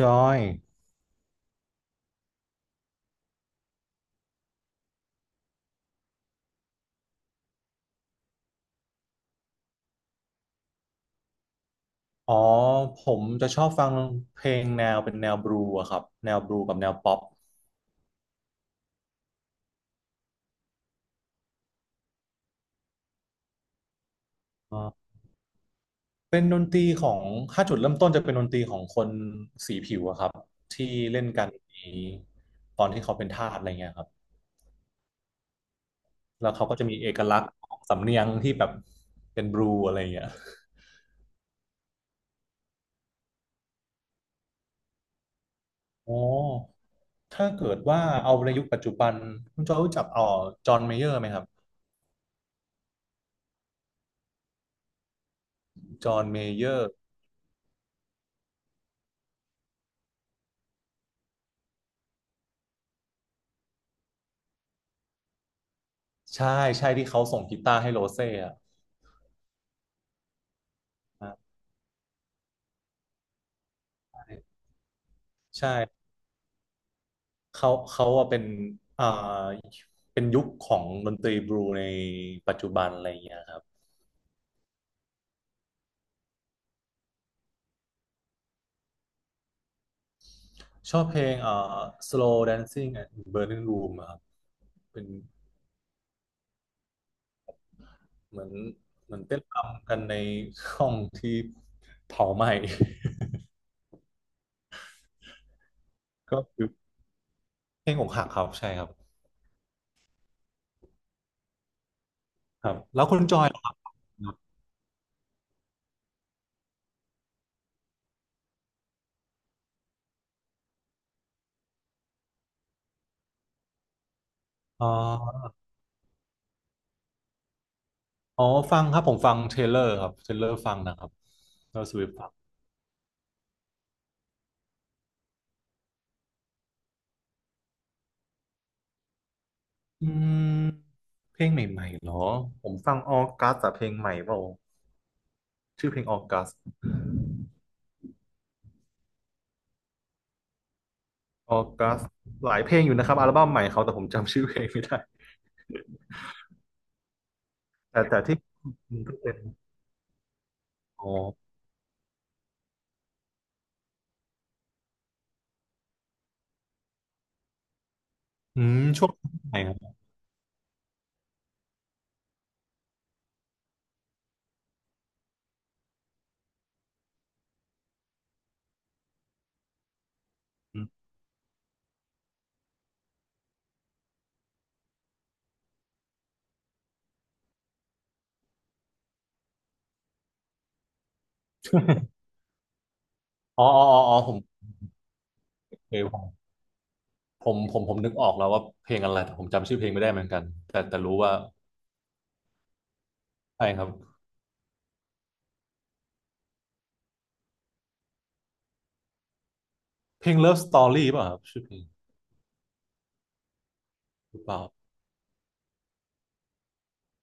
จอย อ๋อ ผมจะชอบฟังเพลงแนวเป็นแนวบลูอะครับ แนวบลูกับแนวป๊อปอ่าเป็นดนตรีของถ้าจุดเริ่มต้นจะเป็นดนตรีของคนสีผิวอะครับที่เล่นกันในตอนที่เขาเป็นทาสอะไรเงี้ยครับแล้วเขาก็จะมีเอกลักษณ์ของสำเนียงที่แบบเป็นบลูอะไรเงี้ยอ๋อถ้าเกิดว่าเอาในยุคปัจจุบันคุณจอยรู้จักจอห์นเมเยอร์ไหมครับจอห์นเมเยอร์ใช่ใช่ที่เขาส่งกีตาร์ให้โรเซ่อะใช่ เขาอะเป็นอ่าเป็นยุคของดนตรีบลูในปัจจุบันอะไรอย่างเงี้ยครับ ชอบเพลงSlow Dancing at Burning Room อะครับเป็นเหมือนเต้นรำกันในห้องที่เผาไหม้ ก็คือเพลงอกหักครับ ใช่ครับครับแล้วคุณจอยล่ะครับอ๋ออ๋อฟังครับผมฟังเทเลอร์ครับ เทเลอร์ฟังนะครับ แล้วสวิฟฟังอืมเพลงใหม่ๆเหรอผมฟังออกัสแต่เพลงใหม่เปล่า ชื่อเพลงออกัสออกัสหลายเพลงอยู่นะครับอัลบั้มใหม่เขาแต่ผมจำชื่อเพลงไม่ได้แต่ที่มันก็เป็นอ๋ออืมช่วงไหนครับอ๋ออ๋ออ๋ออ๋อผมเคยผมผมนึกออกแล้วว่าเพลงอะไรแต่ผมจำชื่อเพลงไม่ได้เหมือนกันแต่รู้ว่าใช่ครับเพลง Love Story ป่ะครับชื่อเพลงหรือเปล่า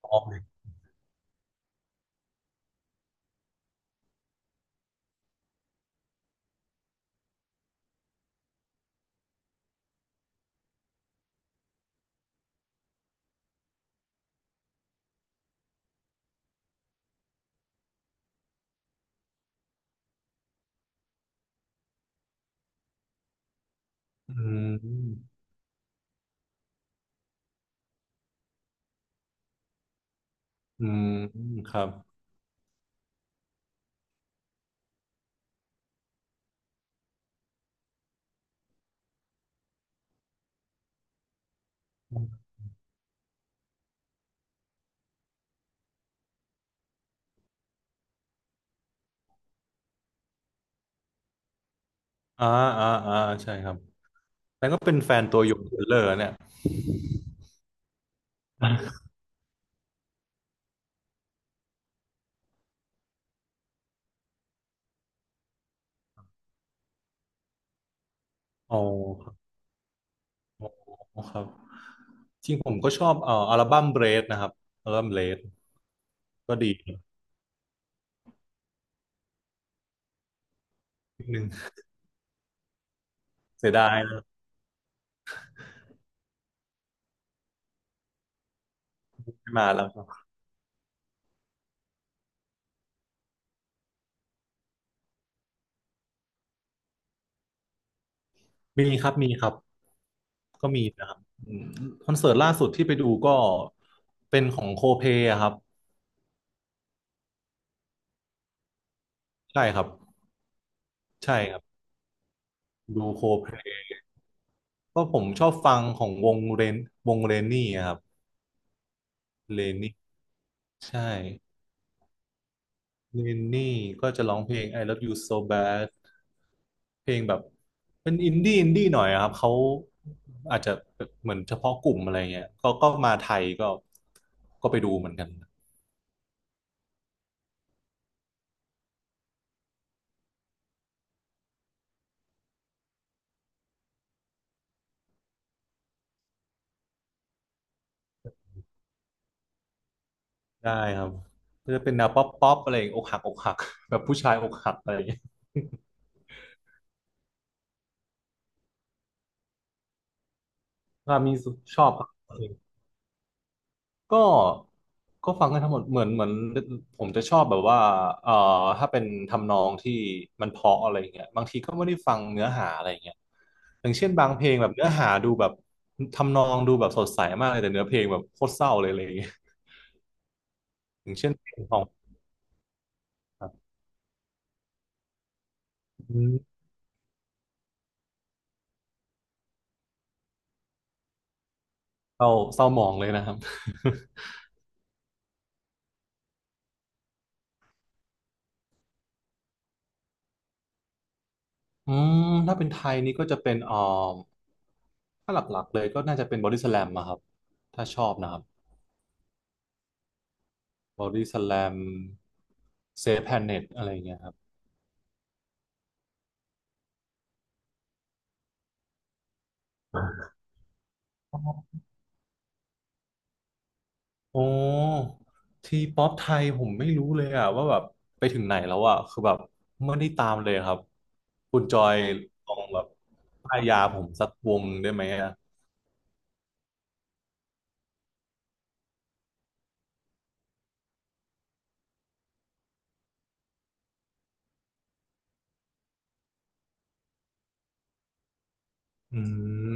อ๋ออืมอืมครับอ่าอ่าอ่าใช่ครับแล้วก็เป็นแฟนตัวยงเทเลอร์เนี่ยอ๋อครับ จริงผมก็ชอบอัลบั้มเบรดนะครับอัลบั้มเบรดก็ดีนิดนึงเสียดายนะไม่มาแล้วครับมีครับมีครับก็มีนะครับอืมคอนเสิร์ตล่าสุดที่ไปดูก็เป็นของโคเพอะครับใช่ครับใช่ครับดูโคเพก็ผมชอบฟังของวงเรนวงเรนนี่อะครับเรนนี่ใช่ เรนนี่ก็จะร้องเพลง I Love You So Bad เพลงแบบเป็นอินดี้อินดี้หน่อยอะครับเขาอาจจะเหมือนเฉพาะกลุ่มอะไรเงี้ยก็มาไทยก็ไปดูเหมือนกันได้ครับก็จะเป็นแนวป๊อปป๊อปอะไรอย่างอกหักอกหักแบบผู้ชายอกหักอะไรอย่างเงี้ย ว่ามีชอบครับ ก็ก็ฟังกันทั้งหมดเหมือนเหมือนผมจะชอบแบบว่าเอ่อถ้าเป็นทำนองที่มันเพราะอะไรอย่างเงี้ยบางทีก็ไม่ได้ฟังเนื้อหาอะไรอย่างเงี้ยอย่างเช่นบางเพลงแบบเนื้อหาดูแบบทำนองดูแบบสดใสมากเลยแต่เนื้อเพลงแบบโคตรเศร้าเลยอะไรอย่างเงี้ยอย่างเช่นเพลงของครับอืมเศร้าเศร้าหมองเลยนะครับ อืมถ้าเป็นไทยนี่ก็จะเป็นถ้าหลักๆเลยก็น่าจะเป็นบอดี้สแลมอะครับถ้าชอบนะครับบอดี้สแลมเซฟแพนเน็ตอะไรอย่างเงี้ยครับ โอ้ทีป๊อปไทยผมไม่รู้เลยอะว่าแบบไปถึงไหนแล้วอะคือแบบไม่ได้ตามเลยครับคุณจอยลองแบบป้ายยาผมสักวงได้ไหมอะอืม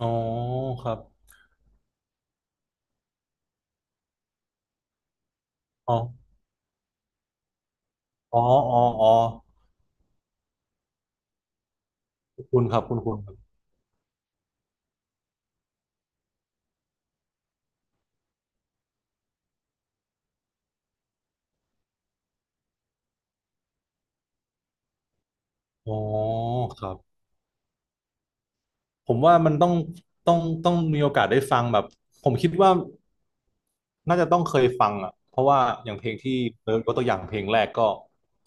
อ๋อครับอ๋ออ๋ออ๋ออ๋อคุณครับคุณคุณครับอ๋อครับผมว่ามันต้องต้องต้องมีโอกาสได้ฟังแบบผมคิดว่าน่าจะต้องเคยฟังอะเพราะว่าอย่างเพลงที่เติร์ดยกตัวอย่างเพลงแรกก็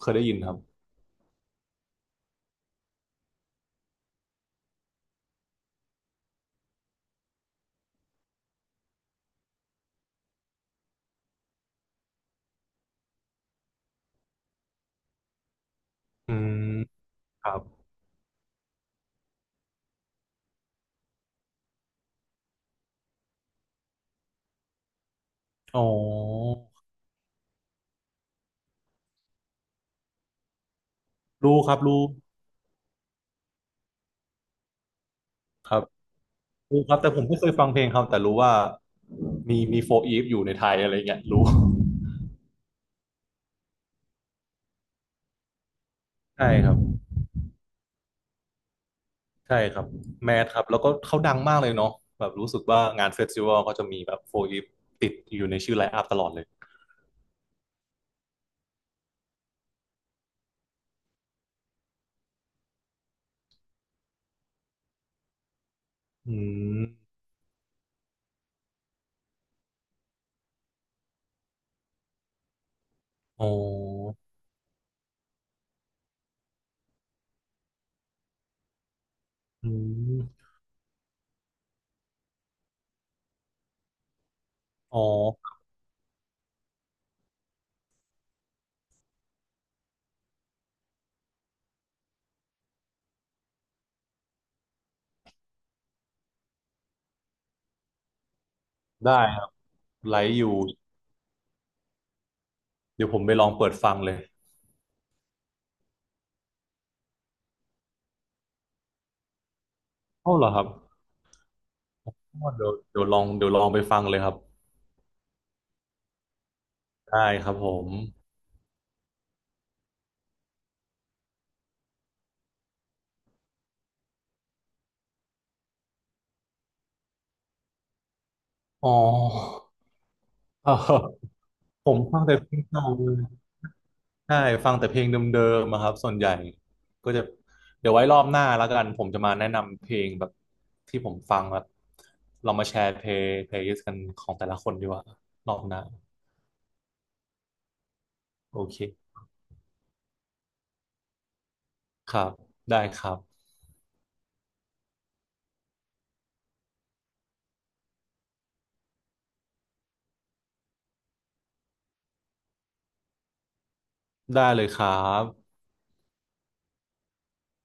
เคยได้ยินครับอืมครับ อ๋อ รู้ครับครับรู้ครับแต่ผมไม่เคยฟังเพลงเขาแต่รู้ว่ามีโฟอีฟอยู่ในไทยอะไรเงี้ยรู้ใช่ครับใช่ครับแมทครับแล้วก็เขาดังมากเลยเนาะแบบรู้สึกว่างานเฟสติวัลเขาจะมีแบบโฟอีฟติดอยู่ในชื่อไลน์อัพตลอดเลยอืมอ๋ออืมอ๋อได้ครับไลฟ์อยู่เดี๋ยวผมไปลองเปิดฟังเลยเอ้าเหรอครับอ๋อเดี๋ยวเดี๋ยวลองไปฟังเลยครับได้ครับผมอ๋อ ผมฟังแต่เพลงเก่าเลยใช่ฟังแต่เพลงเดิมๆอะครับส่วนใหญ่ก็จะเดี๋ยวไว้รอบหน้าแล้วกันผมจะมาแนะนำเพลงแบบที่ผมฟังแบบเรามาแชร์เพลย์ลิสต์กันของแต่ละคนดีกว่ารอบหน้าโอเคครับได้ครับได้เลยครับ